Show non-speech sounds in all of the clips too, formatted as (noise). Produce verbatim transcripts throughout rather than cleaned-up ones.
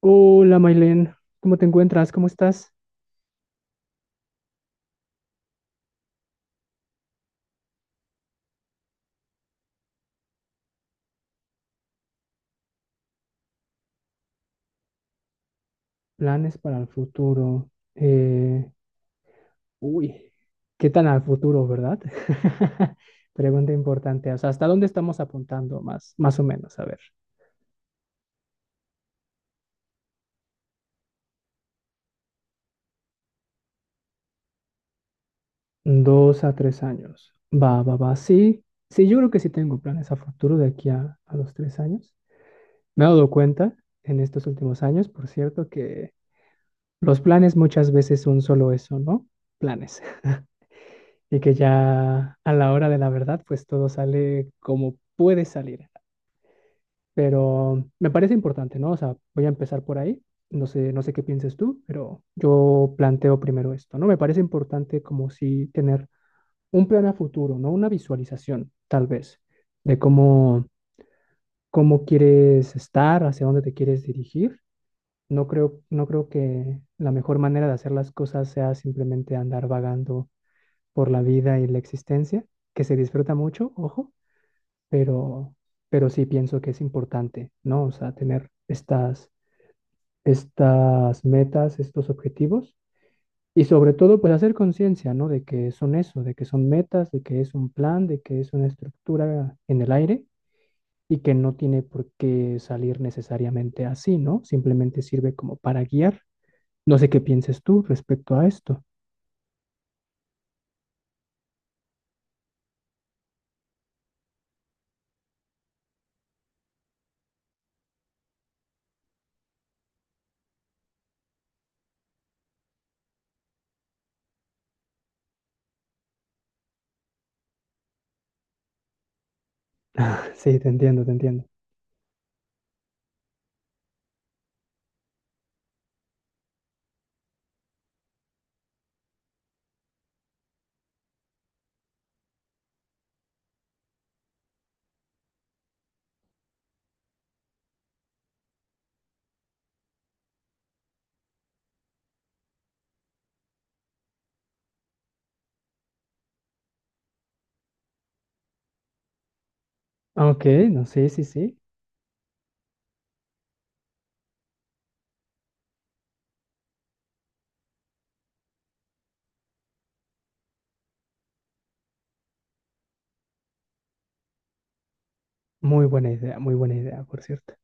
Hola, Mailén, ¿cómo te encuentras? ¿Cómo estás? Planes para el futuro. Eh, uy, ¿qué tan al futuro, verdad? (laughs) Pregunta importante. O sea, ¿hasta dónde estamos apuntando más, más o menos? A ver, dos a tres años. Va, va, va. Sí, sí, yo creo que sí tengo planes a futuro de aquí a, a los tres años. Me he dado cuenta en estos últimos años, por cierto, que los planes muchas veces son solo eso, ¿no? Planes. (laughs) Y que ya a la hora de la verdad, pues todo sale como puede salir. Pero me parece importante, ¿no? O sea, voy a empezar por ahí. No sé, no sé qué pienses tú, pero yo planteo primero esto, ¿no? Me parece importante como si tener un plan a futuro, ¿no? Una visualización, tal vez, de cómo, cómo quieres estar, hacia dónde te quieres dirigir. No creo, no creo que la mejor manera de hacer las cosas sea simplemente andar vagando por la vida y la existencia, que se disfruta mucho, ojo, pero, pero sí pienso que es importante, ¿no? O sea, tener estas, estas metas, estos objetivos y sobre todo, pues hacer conciencia, ¿no? De que son eso, de que son metas, de que es un plan, de que es una estructura en el aire y que no tiene por qué salir necesariamente así, ¿no? Simplemente sirve como para guiar. No sé qué pienses tú respecto a esto. (laughs) Sí, te entiendo, te entiendo. Ok, no, sí, sí, sí. Muy buena idea, muy buena idea, por cierto.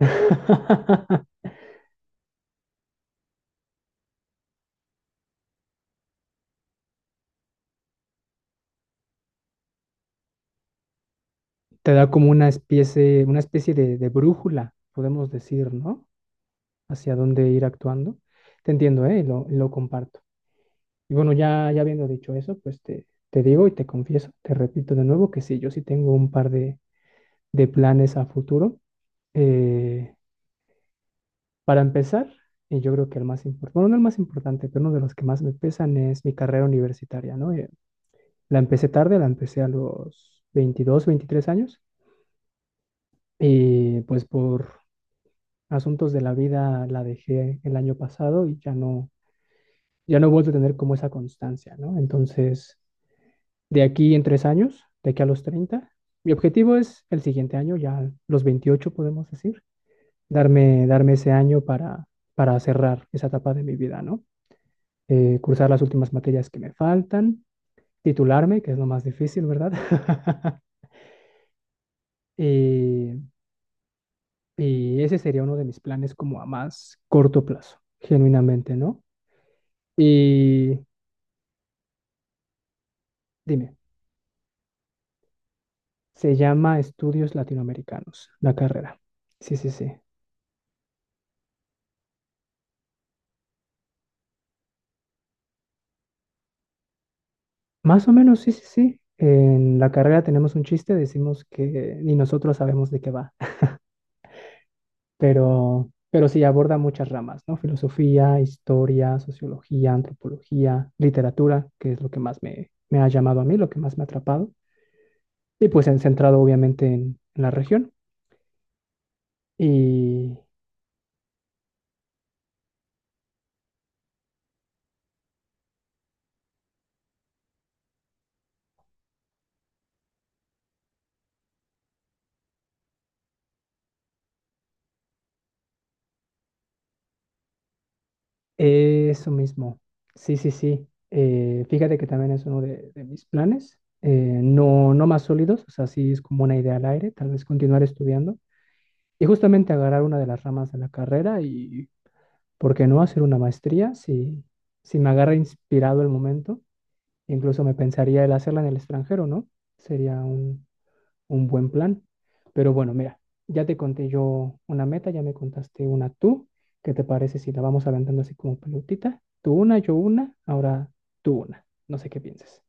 (laughs) Te da como una especie, una especie de, de brújula, podemos decir, ¿no? Hacia dónde ir actuando. Te entiendo, ¿eh? Y Lo, y lo comparto. Y bueno, ya, ya habiendo dicho eso, pues te, te digo y te confieso, te repito de nuevo que sí, yo sí tengo un par de, de planes a futuro. Eh, para empezar, y yo creo que el más importante, bueno, no el más importante, pero uno de los que más me pesan es mi carrera universitaria, ¿no? Eh, La empecé tarde, la empecé a los veintidós, veintitrés años y pues por asuntos de la vida la dejé el año pasado y ya no, ya no he vuelto a tener como esa constancia, ¿no? Entonces, de aquí en tres años, de aquí a los treinta, mi objetivo es el siguiente año, ya los veintiocho podemos decir, darme, darme ese año para, para cerrar esa etapa de mi vida, ¿no? Eh, cursar las últimas materias que me faltan, titularme, que es lo más difícil, ¿verdad? (laughs) y Y ese sería uno de mis planes como a más corto plazo, genuinamente, ¿no? Y dime, se llama Estudios Latinoamericanos, la carrera. Sí, sí, sí. Más o menos, sí, sí, sí. En la carrera tenemos un chiste, decimos que ni nosotros sabemos de qué va, (laughs) pero, pero sí aborda muchas ramas, ¿no? Filosofía, historia, sociología, antropología, literatura, que es lo que más me, me ha llamado a mí, lo que más me ha atrapado. Y pues en- centrado obviamente en en la región. Y eso mismo. Sí, sí, sí. Eh, fíjate que también es uno de, de mis planes. Eh, no, no más sólidos, o sea, sí es como una idea al aire, tal vez continuar estudiando y justamente agarrar una de las ramas de la carrera y ¿por qué no hacer una maestría? Si, si me agarra inspirado el momento, incluso me pensaría el hacerla en el extranjero, ¿no? Sería un, un buen plan. Pero bueno, mira, ya te conté yo una meta, ya me contaste una tú. ¿Qué te parece si la vamos aventando así como pelotita? Tú una, yo una, ahora tú una. No sé qué pienses.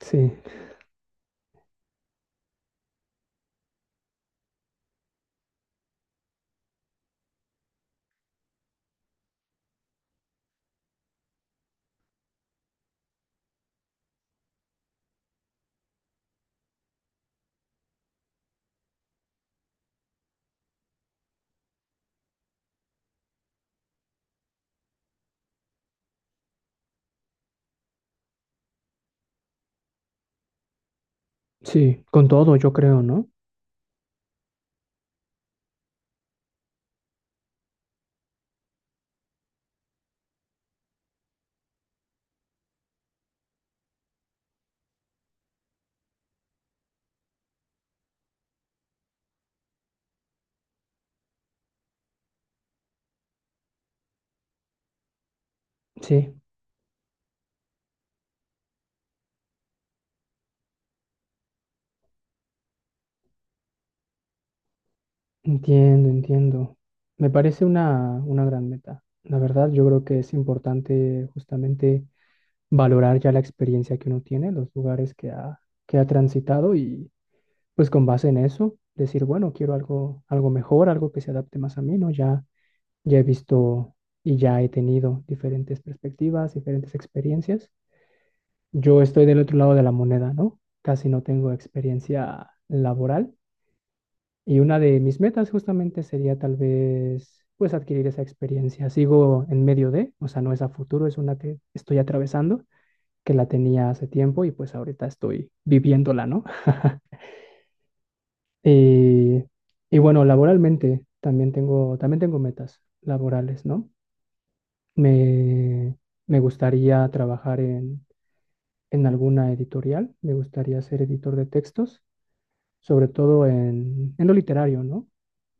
Sí, sí, con todo yo creo, ¿no? Sí, entiendo, entiendo. Me parece una, una gran meta. La verdad, yo creo que es importante justamente valorar ya la experiencia que uno tiene, los lugares que ha, que ha transitado y pues con base en eso, decir, bueno, quiero algo, algo mejor, algo que se adapte más a mí, ¿no? Ya, ya he visto y ya he tenido diferentes perspectivas, diferentes experiencias. Yo estoy del otro lado de la moneda, ¿no? Casi no tengo experiencia laboral y una de mis metas justamente sería tal vez, pues, adquirir esa experiencia. Sigo en medio de, o sea, no es a futuro, es una que estoy atravesando, que la tenía hace tiempo y pues ahorita estoy viviéndola, ¿no? (laughs) Y, y bueno, laboralmente también tengo, también tengo metas laborales, ¿no? Me, me gustaría trabajar en, en alguna editorial, me gustaría ser editor de textos, sobre todo en, en lo literario, ¿no?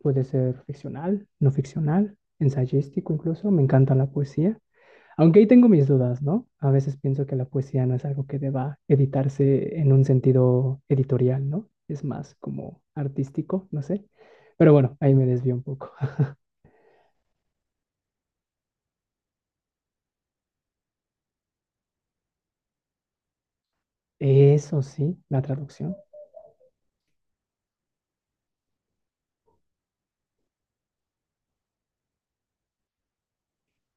Puede ser ficcional, no ficcional, ensayístico incluso, me encanta la poesía. Aunque ahí tengo mis dudas, ¿no? A veces pienso que la poesía no es algo que deba editarse en un sentido editorial, ¿no? Es más como artístico, no sé. Pero bueno, ahí me desvío un poco. (laughs) Eso sí, la traducción.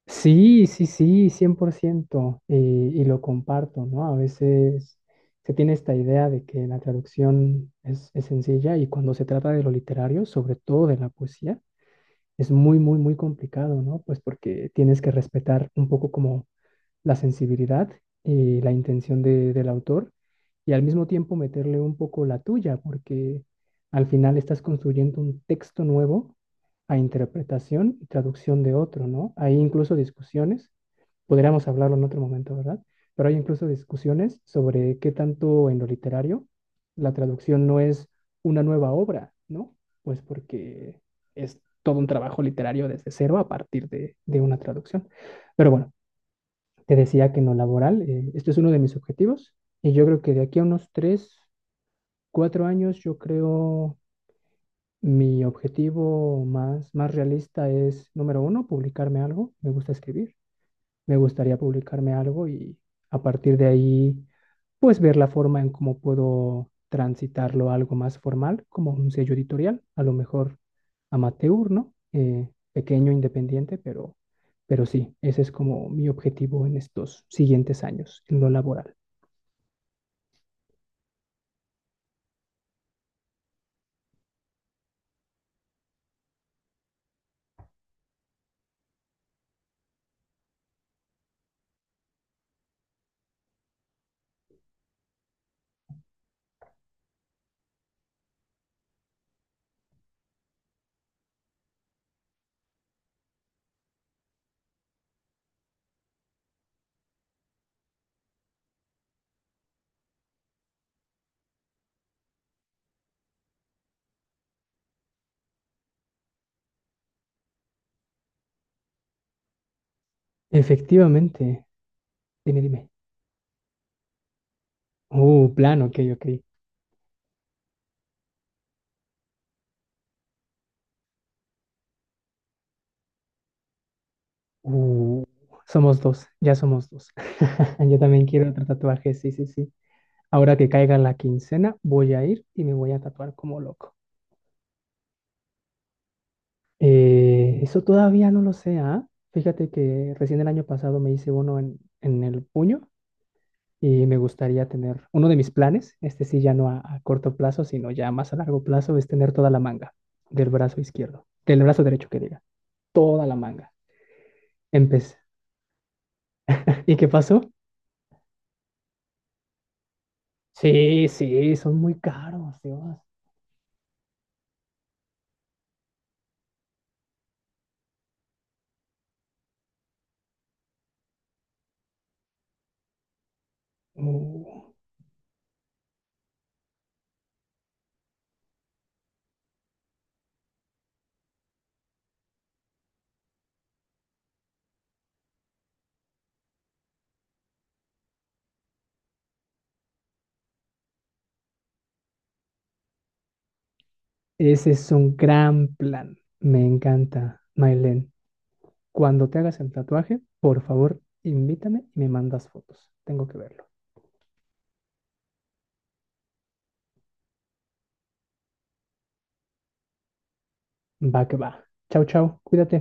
Sí, sí, sí, cien por ciento. Y, y lo comparto, ¿no? A veces se tiene esta idea de que la traducción es, es sencilla y cuando se trata de lo literario, sobre todo de la poesía, es muy, muy, muy complicado, ¿no? Pues porque tienes que respetar un poco como la sensibilidad y la intención de- del autor y al mismo tiempo meterle un poco la tuya, porque al final estás construyendo un texto nuevo a interpretación y traducción de otro, ¿no? Hay incluso discusiones, podríamos hablarlo en otro momento, ¿verdad? Pero hay incluso discusiones sobre qué tanto en lo literario la traducción no es una nueva obra, ¿no? Pues porque es todo un trabajo literario desde cero a partir de, de una traducción. Pero bueno, te decía que en lo laboral, eh, este es uno de mis objetivos y yo creo que de aquí a unos tres, cuatro años, yo creo mi objetivo más, más realista es, número uno, publicarme algo, me gusta escribir me gustaría publicarme algo y a partir de ahí, pues ver la forma en cómo puedo transitarlo a algo más formal, como un sello editorial, a lo mejor amateur, ¿no? Eh, pequeño, independiente, pero, pero sí, ese es como mi objetivo en estos siguientes años, en lo laboral. Efectivamente, dime, dime. Uh, plan, ok, ok. Uh, somos dos, ya somos dos. (laughs) Yo también quiero otro tatuaje, sí, sí, sí. Ahora que caiga la quincena, voy a ir y me voy a tatuar como loco. Eh, eso todavía no lo sé, ¿ah? Fíjate que recién el año pasado me hice uno en, en el puño y me gustaría tener uno de mis planes, este sí ya no a, a corto plazo, sino ya más a largo plazo, es tener toda la manga del brazo izquierdo, del brazo derecho que diga, toda la manga. Empecé. ¿Y qué pasó? Sí, sí, son muy caros, Dios. Uh, Ese es un gran plan. Me encanta, Mailen. Cuando te hagas el tatuaje, por favor, invítame y me mandas fotos. Tengo que verlo. Va que va. Chau, chau. Cuídate.